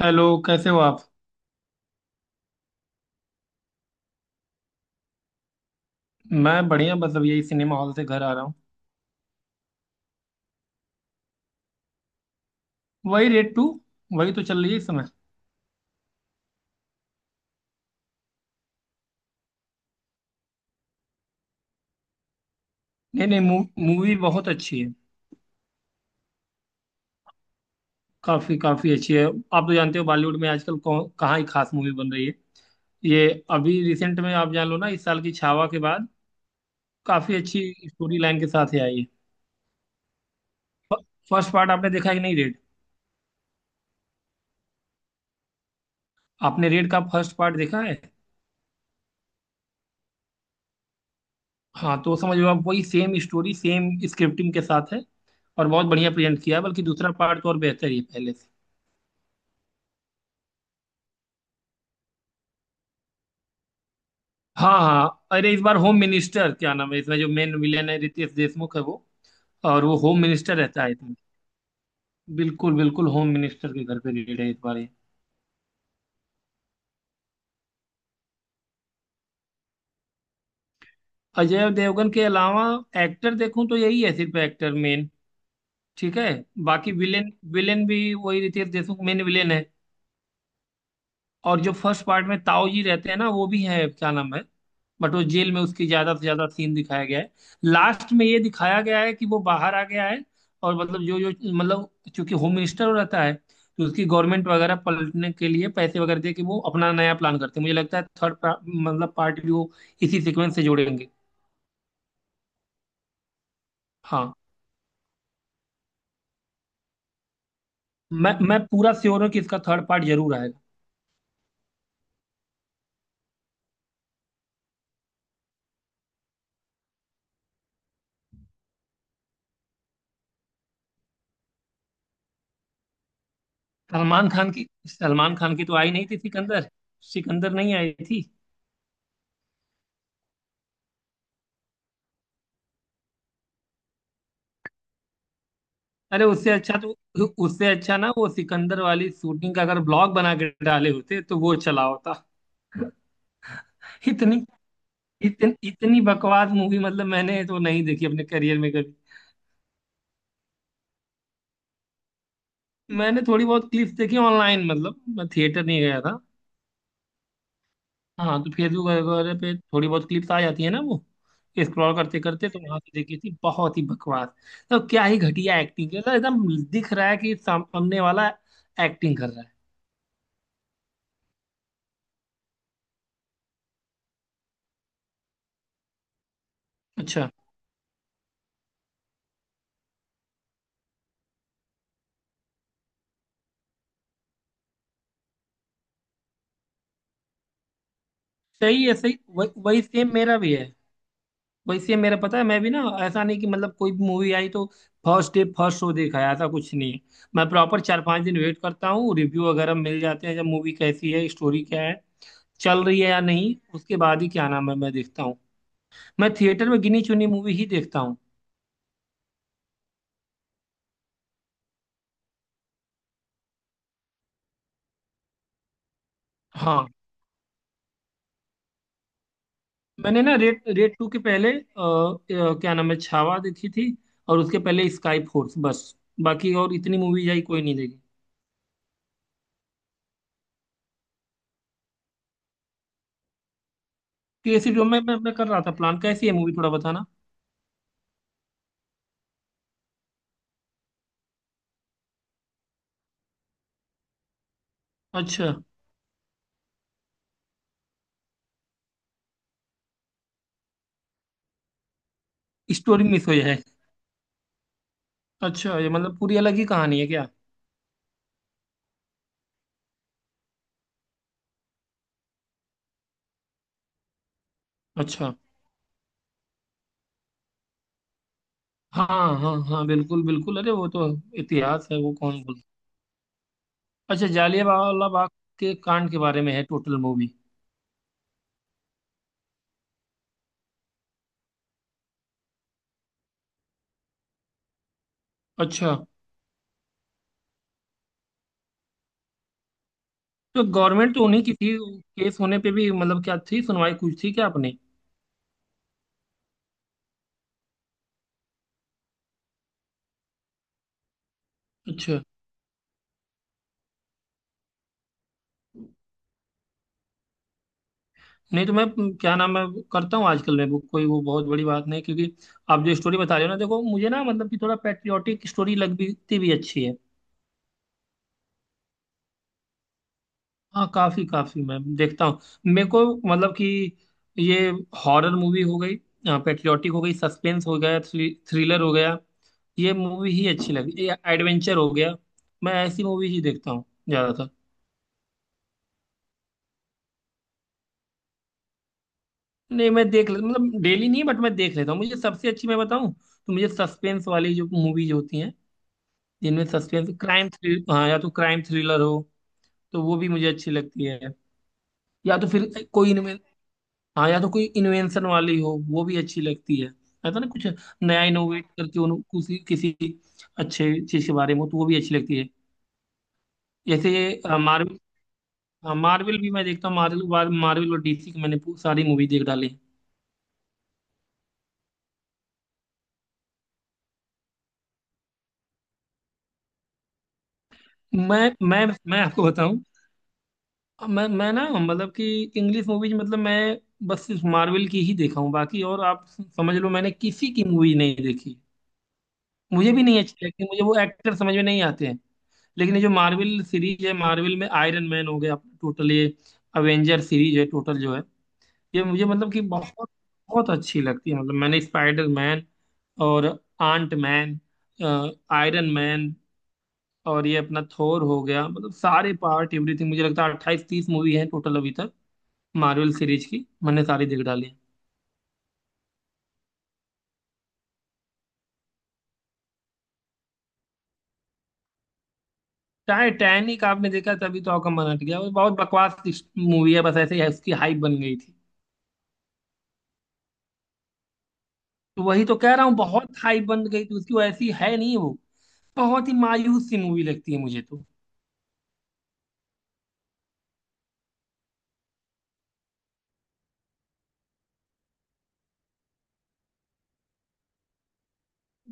Hello, कैसे हो आप? मैं बढ़िया, बस अब यही सिनेमा हॉल से घर आ रहा हूँ। वही रेड टू। वही तो चल रही है इस समय। नहीं नहीं, मूवी बहुत अच्छी है। काफी काफी अच्छी है। आप तो जानते हो, बॉलीवुड में आजकल कहाँ ही खास मूवी बन रही है। ये अभी रिसेंट में आप जान लो ना, इस साल की छावा के बाद काफी अच्छी स्टोरी लाइन के साथ ही आई है। फ- फर्स्ट पार्ट आपने देखा है कि नहीं रेड? आपने रेड का फर्स्ट पार्ट देखा है? हाँ तो समझ लो आप, वही सेम स्टोरी सेम स्क्रिप्टिंग के साथ है। और बहुत बढ़िया प्रेजेंट किया है, बल्कि दूसरा पार्ट तो और बेहतर ही है पहले से। हाँ हाँ, अरे इस बार होम मिनिस्टर, क्या नाम है, इसमें जो मेन विलेन है रितेश देशमुख है वो। और वो होम मिनिस्टर रहता है इसमें। बिल्कुल बिल्कुल, होम मिनिस्टर के घर पे रिलेटेड है इस बार ये। अजय देवगन के अलावा एक्टर देखूं तो यही है, सिर्फ एक्टर मेन। ठीक है। बाकी विलेन, विलेन भी वही रितेश देशमुख मेन विलेन है। और जो फर्स्ट पार्ट में ताऊ जी रहते हैं ना वो भी है, क्या नाम है। बट वो जेल में उसकी ज्यादा से ज्यादा सीन दिखाया गया है। लास्ट में ये दिखाया गया है कि वो बाहर आ गया है। और मतलब जो जो, मतलब चूंकि होम मिनिस्टर रहता है, तो उसकी गवर्नमेंट वगैरह पलटने के लिए पैसे वगैरह दे के वो अपना नया प्लान करते हैं। मुझे लगता है थर्ड, मतलब पार्ट भी वो इसी सीक्वेंस से जोड़ेंगे। हाँ, मैं पूरा श्योर हूँ कि इसका थर्ड पार्ट जरूर आएगा। सलमान खान की तो आई नहीं थी सिकंदर। सिकंदर नहीं आई थी। अरे, उससे अच्छा ना, वो सिकंदर वाली शूटिंग का अगर ब्लॉग बना के डाले होते तो वो चला होता। इतनी इतनी बकवास मूवी, मतलब मैंने तो नहीं देखी अपने करियर में कभी। मैंने थोड़ी बहुत क्लिप्स देखी ऑनलाइन, मतलब मैं थिएटर नहीं गया था। हाँ, तो फेसबुक वगैरह पे थोड़ी बहुत क्लिप्स आ जाती है ना वो, स्क्रॉल करते करते तो वहां से देखी थी। बहुत ही बकवास, तो क्या ही घटिया एक्टिंग है, मतलब एकदम दिख रहा है कि सामने वाला एक्टिंग कर रहा है। अच्छा, सही है सही, वही वही सेम मेरा भी है। वैसे मेरा पता है, मैं भी ना, ऐसा नहीं कि मतलब कोई भी मूवी आई तो फर्स्ट डे फर्स्ट शो देखा है, ऐसा कुछ नहीं है। मैं प्रॉपर चार पांच दिन वेट करता हूँ, रिव्यू वगैरह मिल जाते हैं जब, मूवी कैसी है, स्टोरी क्या है, चल रही है या नहीं, उसके बाद ही, क्या नाम है, मैं देखता हूँ। मैं थिएटर में गिनी चुनी मूवी ही देखता हूँ। हाँ, मैंने ना रेड, रेड टू के पहले क्या नाम है छावा देखी थी। और उसके पहले स्काई फोर्स, बस। बाकी और इतनी मूवीज आई, कोई नहीं देखी। कैसी जो मैं कर रहा था प्लान, कैसी है मूवी थोड़ा बताना। अच्छा, स्टोरी मिस हो जाए। अच्छा, ये मतलब पूरी अलग ही कहानी है क्या? अच्छा। हाँ हाँ हाँ, बिल्कुल बिल्कुल, अरे वो तो इतिहास है वो, कौन बोल। अच्छा, जालियांवाला बाग के कांड के बारे में है टोटल मूवी। अच्छा, तो गवर्नमेंट तो उन्हीं की थी, केस होने पे भी मतलब क्या थी सुनवाई, कुछ थी क्या अपनी। अच्छा, नहीं तो मैं क्या नाम है करता हूँ आजकल, मैं वो कोई, वो बहुत बड़ी बात नहीं क्योंकि आप जो स्टोरी बता रहे हो ना, देखो मुझे ना, मतलब कि थोड़ा पैट्रियोटिक स्टोरी लगती भी अच्छी है। हाँ, काफी काफी मैं देखता हूँ। मेरे को मतलब कि ये, हॉरर मूवी हो गई, पेट्रियोटिक हो गई, सस्पेंस हो गया, थ्रिलर हो गया, ये मूवी ही अच्छी लगी, एडवेंचर हो गया, मैं ऐसी मूवी ही देखता हूँ ज्यादातर। नहीं, मैं देख ले, मतलब डेली नहीं, बट मैं देख लेता हूँ। मुझे सबसे अच्छी मैं बताऊँ तो, मुझे सस्पेंस वाली जो मूवीज होती हैं, जिनमें सस्पेंस क्राइम थ्रिल, हाँ या तो क्राइम थ्रिलर हो, तो वो भी मुझे अच्छी लगती है। या तो फिर कोई, हाँ या तो कोई इन्वेंशन वाली हो, वो भी अच्छी लगती है। ऐसा ना कुछ नया इनोवेट करके उन्हों किसी किसी अच्छे चीज के बारे में, तो वो भी अच्छी लगती है। जैसे ये मार्वल, मार्वल भी मैं देखता हूँ। मार्वल मार्वल और डीसी की मैंने सारी मूवी देख डाली है। मैं मैं मैं आपको बताऊं, मैं ना मतलब कि इंग्लिश मूवीज, मतलब मैं बस सिर्फ मार्वल की ही देखा हूँ। बाकी और आप समझ लो मैंने किसी की मूवी नहीं देखी। मुझे भी नहीं अच्छी लगती, मुझे वो एक्टर समझ में नहीं आते हैं। लेकिन ये जो मार्वल सीरीज है, मार्वल में आयरन मैन हो गया अपना टोटल, ये अवेंजर सीरीज है टोटल जो है, ये मुझे मतलब कि बहुत बहुत अच्छी लगती है। मतलब मैंने स्पाइडर मैन, और आंट मैन, आयरन मैन, और ये अपना थोर हो गया, मतलब सारे पार्ट एवरीथिंग, मुझे लगता है अट्ठाईस तीस मूवी है टोटल अभी तक। मार्वल सीरीज की मैंने सारी देख डाली है। टाइटैनिक आपने देखा, तभी तो आपका मन हट गया। वो बहुत बकवास मूवी है, बस ऐसे ही उसकी हाइप बन गई थी। तो वही तो कह रहा हूँ, बहुत हाई बन गई तो उसकी, वो ऐसी है नहीं वो। बहुत ही मायूस सी मूवी लगती है मुझे तो।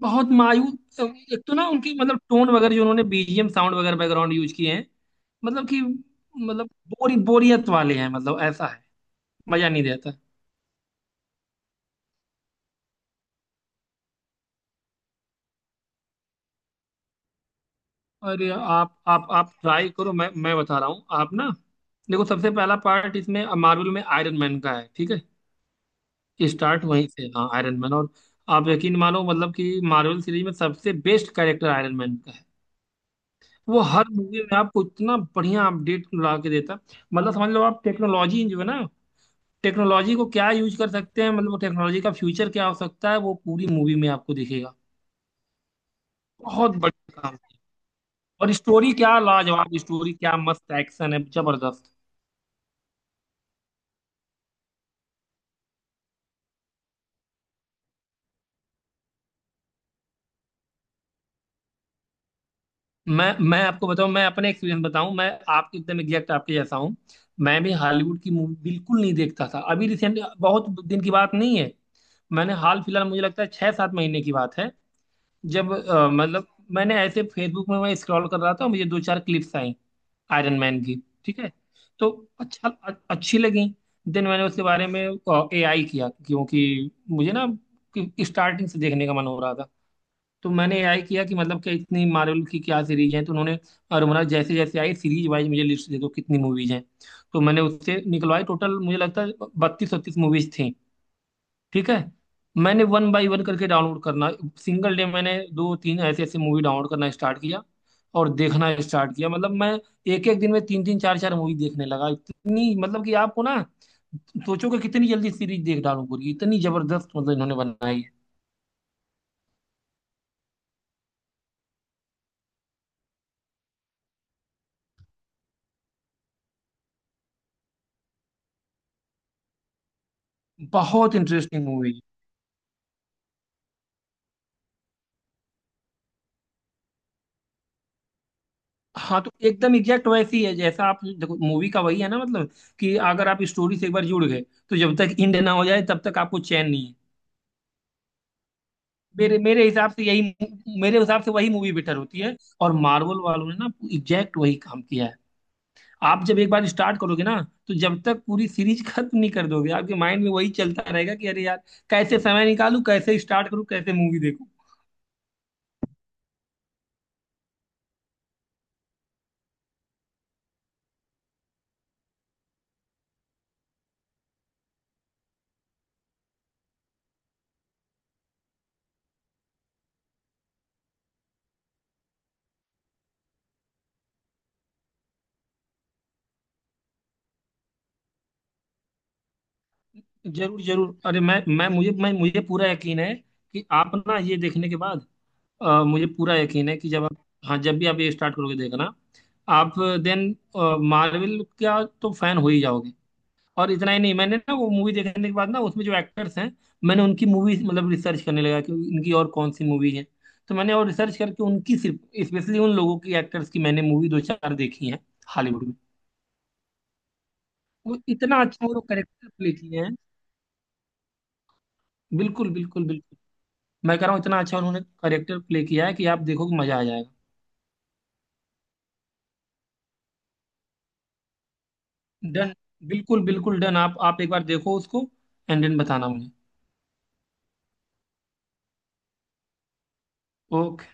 बहुत मायूस, एक तो ना उनकी मतलब टोन वगैरह जो उन्होंने बीजीएम साउंड वगैरह बैकग्राउंड यूज किए हैं, मतलब कि मतलब बोरी बोरियत वाले हैं, मतलब ऐसा है, मजा नहीं देता। अरे आप ट्राई करो, मैं बता रहा हूँ, आप ना देखो सबसे पहला पार्ट इसमें मार्वल में आयरन मैन का है। ठीक है, स्टार्ट वहीं से, हाँ आयरन मैन। और आप यकीन मानो, मतलब कि मार्वल सीरीज में सबसे बेस्ट कैरेक्टर आयरन मैन का है। वो हर मूवी में आपको इतना बढ़िया अपडेट ला के देता, मतलब समझ लो आप टेक्नोलॉजी जो है ना, टेक्नोलॉजी को क्या यूज कर सकते हैं, मतलब टेक्नोलॉजी का फ्यूचर क्या हो सकता है वो पूरी मूवी में आपको दिखेगा। बहुत बढ़िया काम किया। और स्टोरी क्या लाजवाब, स्टोरी क्या मस्त, एक्शन है जबरदस्त। मैं आपको बताऊं, मैं अपने एक्सपीरियंस बताऊं, मैं आपके एकदम एग्जैक्ट आपके जैसा हूं। मैं भी हॉलीवुड की मूवी बिल्कुल नहीं देखता था अभी रिसेंटली, बहुत दिन की बात नहीं है, मैंने हाल फिलहाल, मुझे लगता है छह सात महीने की बात है जब मतलब मैंने ऐसे फेसबुक में मैं स्क्रॉल कर रहा था, मुझे दो चार क्लिप्स आई आयरन मैन की। ठीक है, तो अच्छा, अच्छी लगी। देन मैंने उसके बारे में एआई किया, क्योंकि मुझे ना स्टार्टिंग से देखने का मन हो रहा था। तो मैंने एआई किया कि मतलब क्या इतनी मार्वल की क्या सीरीज है, तो उन्होंने, और उन्होंने जैसे जैसे आई, सीरीज वाइज मुझे लिस्ट दे दो कितनी मूवीज हैं। तो मैंने उससे निकलवाई टोटल, मुझे लगता है बत्तीस 36 मूवीज थी, ठीक है। मैंने वन बाय वन करके डाउनलोड करना, सिंगल डे मैंने दो तीन ऐसे ऐसे मूवी डाउनलोड करना स्टार्ट किया, और देखना स्टार्ट किया। मतलब मैं एक एक दिन में तीन तीन चार चार मूवी देखने लगा, इतनी, मतलब कि आपको ना सोचो कि कितनी जल्दी सीरीज देख डालूं पूरी, इतनी जबरदस्त मतलब इन्होंने बनाई है। बहुत इंटरेस्टिंग मूवी है। हाँ, तो एकदम एग्जैक्ट वैसी है जैसा आप देखो, मूवी का वही है ना, मतलब कि अगर आप स्टोरी से एक बार जुड़ गए, तो जब तक एंड ना हो जाए तब तक आपको चैन नहीं है। मेरे मेरे हिसाब से यही, मेरे हिसाब से वही मूवी बेटर होती है। और मार्वल वालों ने ना एग्जैक्ट वही काम किया है। आप जब एक बार स्टार्ट करोगे ना, तो जब तक पूरी सीरीज खत्म नहीं कर दोगे आपके माइंड में वही चलता रहेगा कि अरे यार, कैसे समय निकालूं, कैसे स्टार्ट करूं, कैसे मूवी देखूं। जरूर जरूर, अरे मैं मुझे पूरा यकीन है कि आप ना ये देखने के बाद, मुझे पूरा यकीन है कि जब आप, हाँ जब भी आप ये स्टार्ट करोगे देखना, आप देन मार्वल का तो फैन हो ही जाओगे। और इतना ही नहीं, मैंने ना वो मूवी देखने के बाद ना उसमें जो एक्टर्स हैं, मैंने उनकी मूवी मतलब रिसर्च करने लगा कि इनकी और कौन सी मूवी है, तो मैंने और रिसर्च करके उनकी सिर्फ स्पेशली उन लोगों की, एक्टर्स की मैंने मूवी दो चार देखी है हॉलीवुड में। वो इतना अच्छा वो लोग करेक्टर प्ले किए हैं, बिल्कुल बिल्कुल बिल्कुल, मैं कह रहा हूँ इतना अच्छा उन्होंने करेक्टर प्ले किया है कि आप देखोगे मजा आ जाएगा। डन, बिल्कुल बिल्कुल डन, आप एक बार देखो उसको। एंड देन बताना मुझे। ओके।